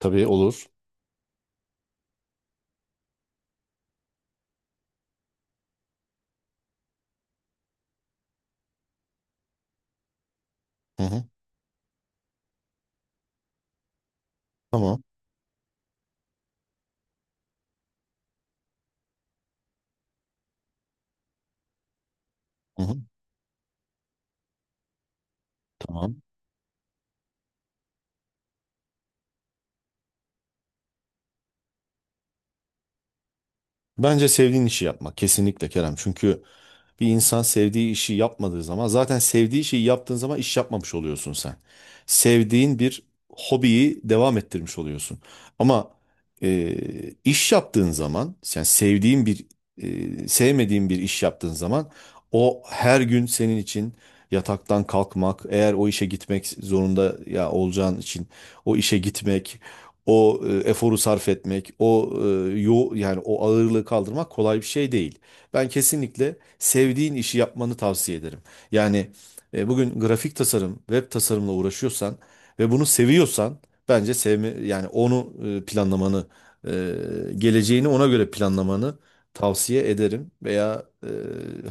Tabii olur. Hı hı. Tamam. Hı hı. Tamam. Bence sevdiğin işi yapma. Kesinlikle Kerem. Çünkü bir insan sevdiği işi yapmadığı zaman zaten sevdiği şeyi yaptığın zaman iş yapmamış oluyorsun sen. Sevdiğin bir hobiyi devam ettirmiş oluyorsun. Ama e, iş yaptığın zaman yani sevmediğin bir iş yaptığın zaman o her gün senin için yataktan kalkmak, eğer o işe gitmek zorunda ya olacağın için o işe gitmek, o eforu sarf etmek, o e, yo yani o ağırlığı kaldırmak kolay bir şey değil. Ben kesinlikle sevdiğin işi yapmanı tavsiye ederim. Yani bugün grafik tasarım, web tasarımla uğraşıyorsan ve bunu seviyorsan bence sevme yani onu planlamanı, e, geleceğini ona göre planlamanı tavsiye ederim veya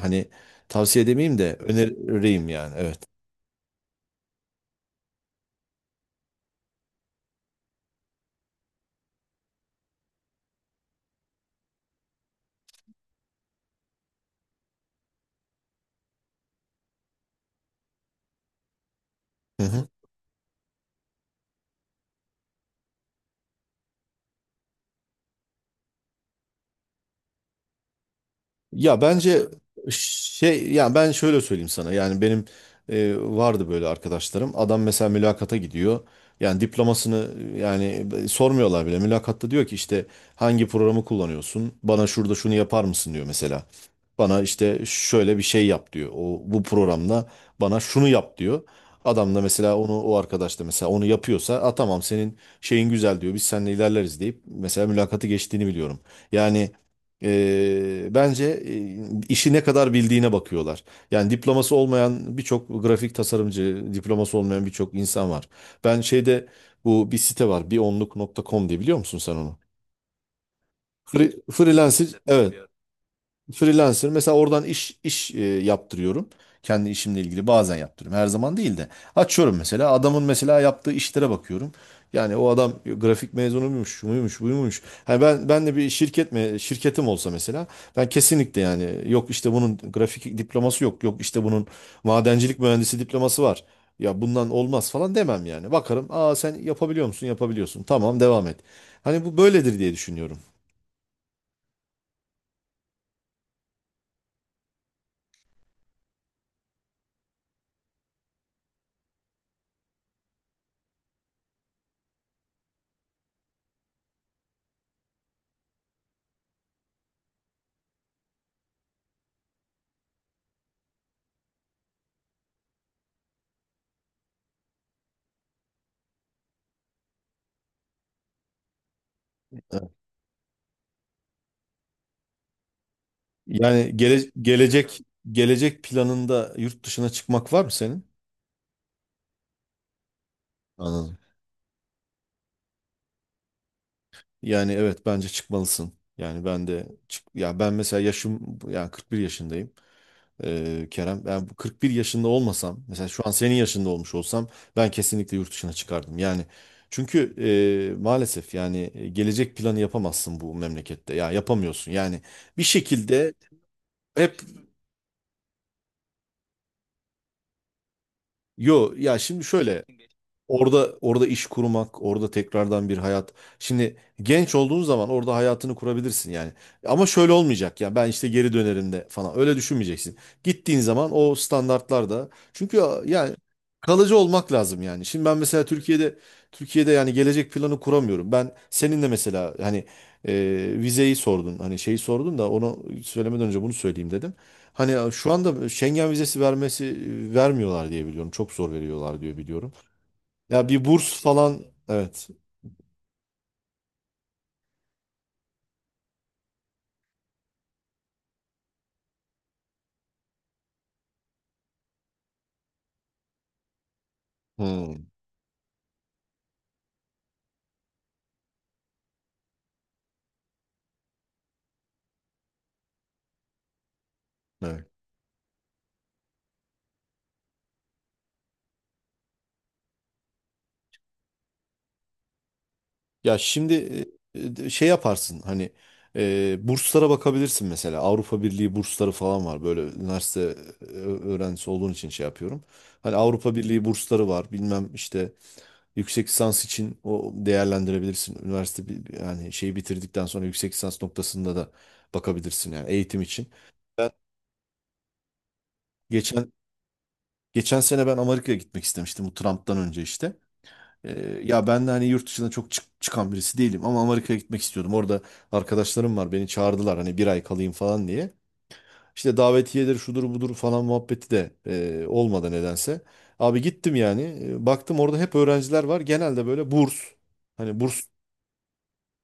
hani tavsiye demeyeyim de önereyim yani. Evet. Hı hı. Ya bence şey yani ben şöyle söyleyeyim sana yani benim vardı böyle arkadaşlarım, adam mesela mülakata gidiyor, yani diplomasını yani sormuyorlar bile mülakatta, diyor ki işte hangi programı kullanıyorsun, bana şurada şunu yapar mısın diyor mesela, bana işte şöyle bir şey yap diyor o bu programda, bana şunu yap diyor, adam da mesela onu, o arkadaş da mesela onu yapıyorsa a tamam senin şeyin güzel diyor, biz seninle ilerleriz deyip mesela mülakatı geçtiğini biliyorum yani. Bence işi ne kadar bildiğine bakıyorlar. Yani diploması olmayan birçok grafik tasarımcı, diploması olmayan birçok insan var. Ben şeyde, bu bir site var, bir bionluk.com diye, biliyor musun sen onu? Freelancer, evet. Freelancer mesela oradan iş yaptırıyorum. Kendi işimle ilgili bazen yaptırıyorum. Her zaman değil de. Açıyorum mesela, adamın mesela yaptığı işlere bakıyorum. Yani o adam grafik mezunuymuş, şu muymuş, buymuş. Hani ben de bir şirket mi şirketim olsa mesela, ben kesinlikle yani yok işte bunun grafik diploması yok, yok işte bunun madencilik mühendisi diploması var. Ya bundan olmaz falan demem yani. Bakarım, aa sen yapabiliyor musun? Yapabiliyorsun. Tamam devam et. Hani bu böyledir diye düşünüyorum. Yani gelecek planında yurt dışına çıkmak var mı senin? Anladım. Yani evet bence çıkmalısın. Yani ben de çık, ya ben mesela yaşım yani 41 yaşındayım. Kerem ben bu 41 yaşında olmasam, mesela şu an senin yaşında olmuş olsam, ben kesinlikle yurt dışına çıkardım. Yani, çünkü maalesef yani gelecek planı yapamazsın bu memlekette. Ya yapamıyorsun. Yani bir şekilde hep, ya şimdi şöyle, orada iş kurmak, orada tekrardan bir hayat. Şimdi genç olduğun zaman orada hayatını kurabilirsin yani. Ama şöyle olmayacak, ya ben işte geri dönerim de falan. Öyle düşünmeyeceksin. Gittiğin zaman o standartlarda çünkü, yani kalıcı olmak lazım yani. Şimdi ben mesela Türkiye'de yani gelecek planı kuramıyorum. Ben seninle mesela hani e, vizeyi sordun. Hani şeyi sordun da onu söylemeden önce bunu söyleyeyim dedim. Hani şu anda Schengen vizesi vermiyorlar diye biliyorum. Çok zor veriyorlar diye biliyorum. Ya bir burs falan, evet. Hmm, evet. Ya şimdi şey yaparsın hani burslara bakabilirsin mesela. Avrupa Birliği bursları falan var. Böyle üniversite öğrencisi olduğun için şey yapıyorum. Hani Avrupa Birliği bursları var. Bilmem işte, yüksek lisans için o değerlendirebilirsin. Üniversite yani şeyi bitirdikten sonra yüksek lisans noktasında da bakabilirsin yani, eğitim için. Ben geçen geçen sene ben Amerika'ya gitmek istemiştim, bu Trump'tan önce işte. Ya ben de hani yurt dışına çok çıkan birisi değilim, ama Amerika'ya gitmek istiyordum. Orada arkadaşlarım var, beni çağırdılar hani, bir ay kalayım falan diye. İşte davetiyedir şudur budur falan muhabbeti de olmadı nedense. Abi gittim yani. Baktım orada hep öğrenciler var, genelde böyle burs. Hani burs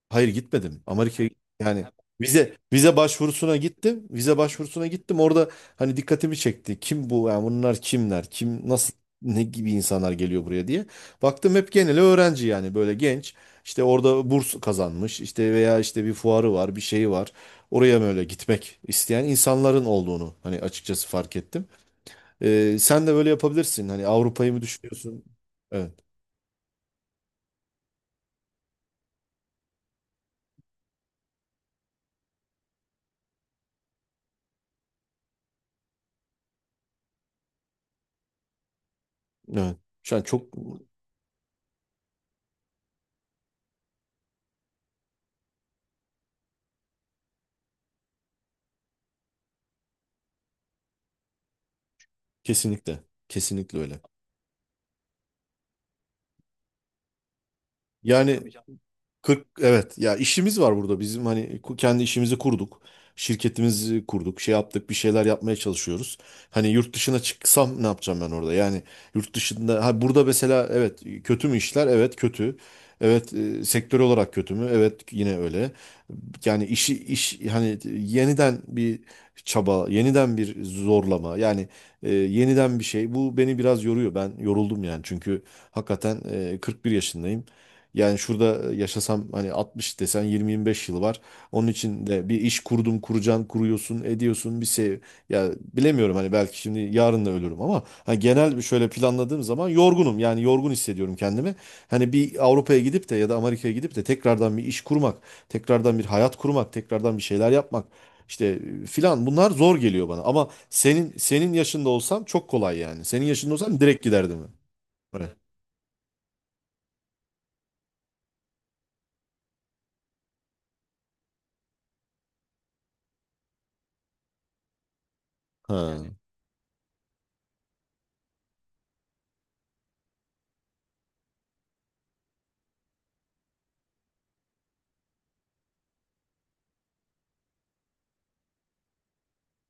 Hayır gitmedim. Amerika'ya yani vize başvurusuna gittim. Vize başvurusuna gittim. Orada hani dikkatimi çekti. Kim bu? Yani bunlar kimler? Kim, nasıl, ne gibi insanlar geliyor buraya diye. Baktım hep genel öğrenci, yani böyle genç. İşte orada burs kazanmış. İşte veya işte bir fuarı var, bir şeyi var. Oraya böyle gitmek isteyen insanların olduğunu hani, açıkçası fark ettim. Sen de böyle yapabilirsin. Hani Avrupa'yı mı düşünüyorsun? Evet. Evet. Şu an çok. Kesinlikle. Kesinlikle öyle. Yani 40, evet ya, işimiz var burada bizim, hani kendi işimizi kurduk. Şirketimizi kurduk, şey yaptık, bir şeyler yapmaya çalışıyoruz. Hani yurt dışına çıksam ne yapacağım ben orada? Yani yurt dışında, ha burada mesela evet, kötü mü işler? Evet kötü. Evet sektör olarak kötü mü? Evet yine öyle. Yani işi iş hani yeniden bir çaba, yeniden bir zorlama. Yani yeniden bir şey. Bu beni biraz yoruyor. Ben yoruldum yani. Çünkü hakikaten 41 yaşındayım. Yani şurada yaşasam hani 60 desen, 20-25 yıl var. Onun için de bir iş kurdum, kuracaksın, kuruyorsun, ediyorsun bir şey. Ya bilemiyorum hani, belki şimdi yarın da ölürüm, ama hani genel bir şöyle planladığım zaman, yorgunum. Yani yorgun hissediyorum kendimi. Hani bir Avrupa'ya gidip de ya da Amerika'ya gidip de tekrardan bir iş kurmak, tekrardan bir hayat kurmak, tekrardan bir şeyler yapmak işte filan, bunlar zor geliyor bana. Ama senin yaşında olsam çok kolay yani. Senin yaşında olsam direkt giderdim. Evet. Ha. Yani.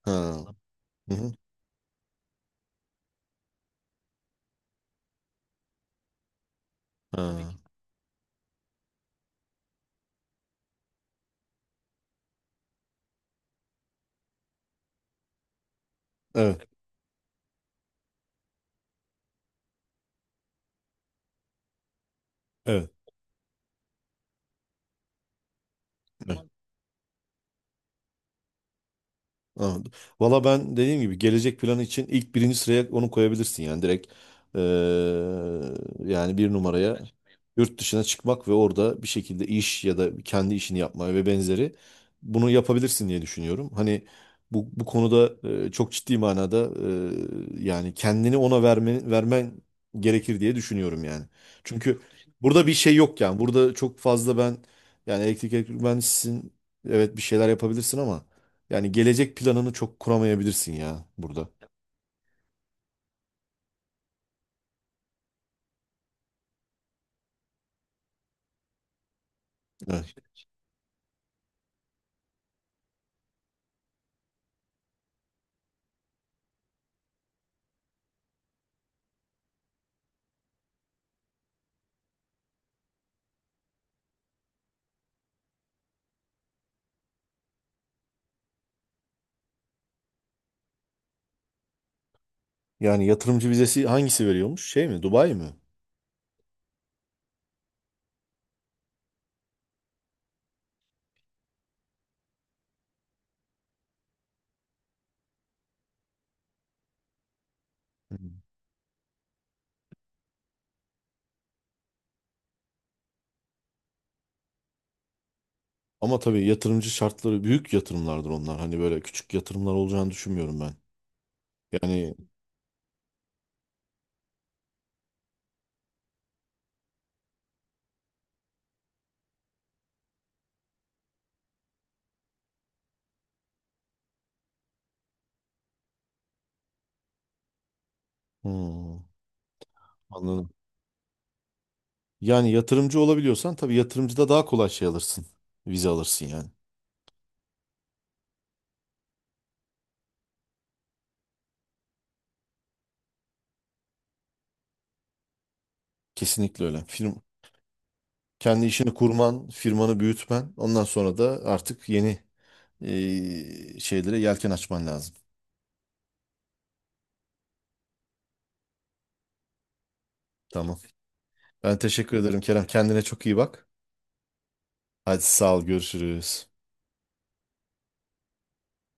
Ha. Hı hı. Ha. Evet, evet. Evet. Anladım. Valla ben dediğim gibi gelecek planı için ilk birinci sıraya onu koyabilirsin yani, direkt yani bir numaraya, yurt dışına çıkmak ve orada bir şekilde iş ya da kendi işini yapma ve benzeri, bunu yapabilirsin diye düşünüyorum. Hani bu konuda çok ciddi manada yani kendini ona vermen gerekir diye düşünüyorum yani. Çünkü burada bir şey yok yani, burada çok fazla ben, yani elektrik mühendisisin, evet bir şeyler yapabilirsin ama yani gelecek planını çok kuramayabilirsin ya burada. Evet. Yani yatırımcı vizesi hangisi veriyormuş? Şey mi? Dubai mi? Hı. Ama tabii yatırımcı şartları büyük yatırımlardır onlar. Hani böyle küçük yatırımlar olacağını düşünmüyorum ben. Yani hmm, anladım. Yani yatırımcı olabiliyorsan tabii, yatırımcıda daha kolay şey alırsın. Vize alırsın yani. Kesinlikle öyle. Kendi işini kurman, firmanı büyütmen. Ondan sonra da artık yeni şeylere yelken açman lazım. Tamam. Ben teşekkür ederim Kerem. Kendine çok iyi bak. Hadi sağ ol, görüşürüz.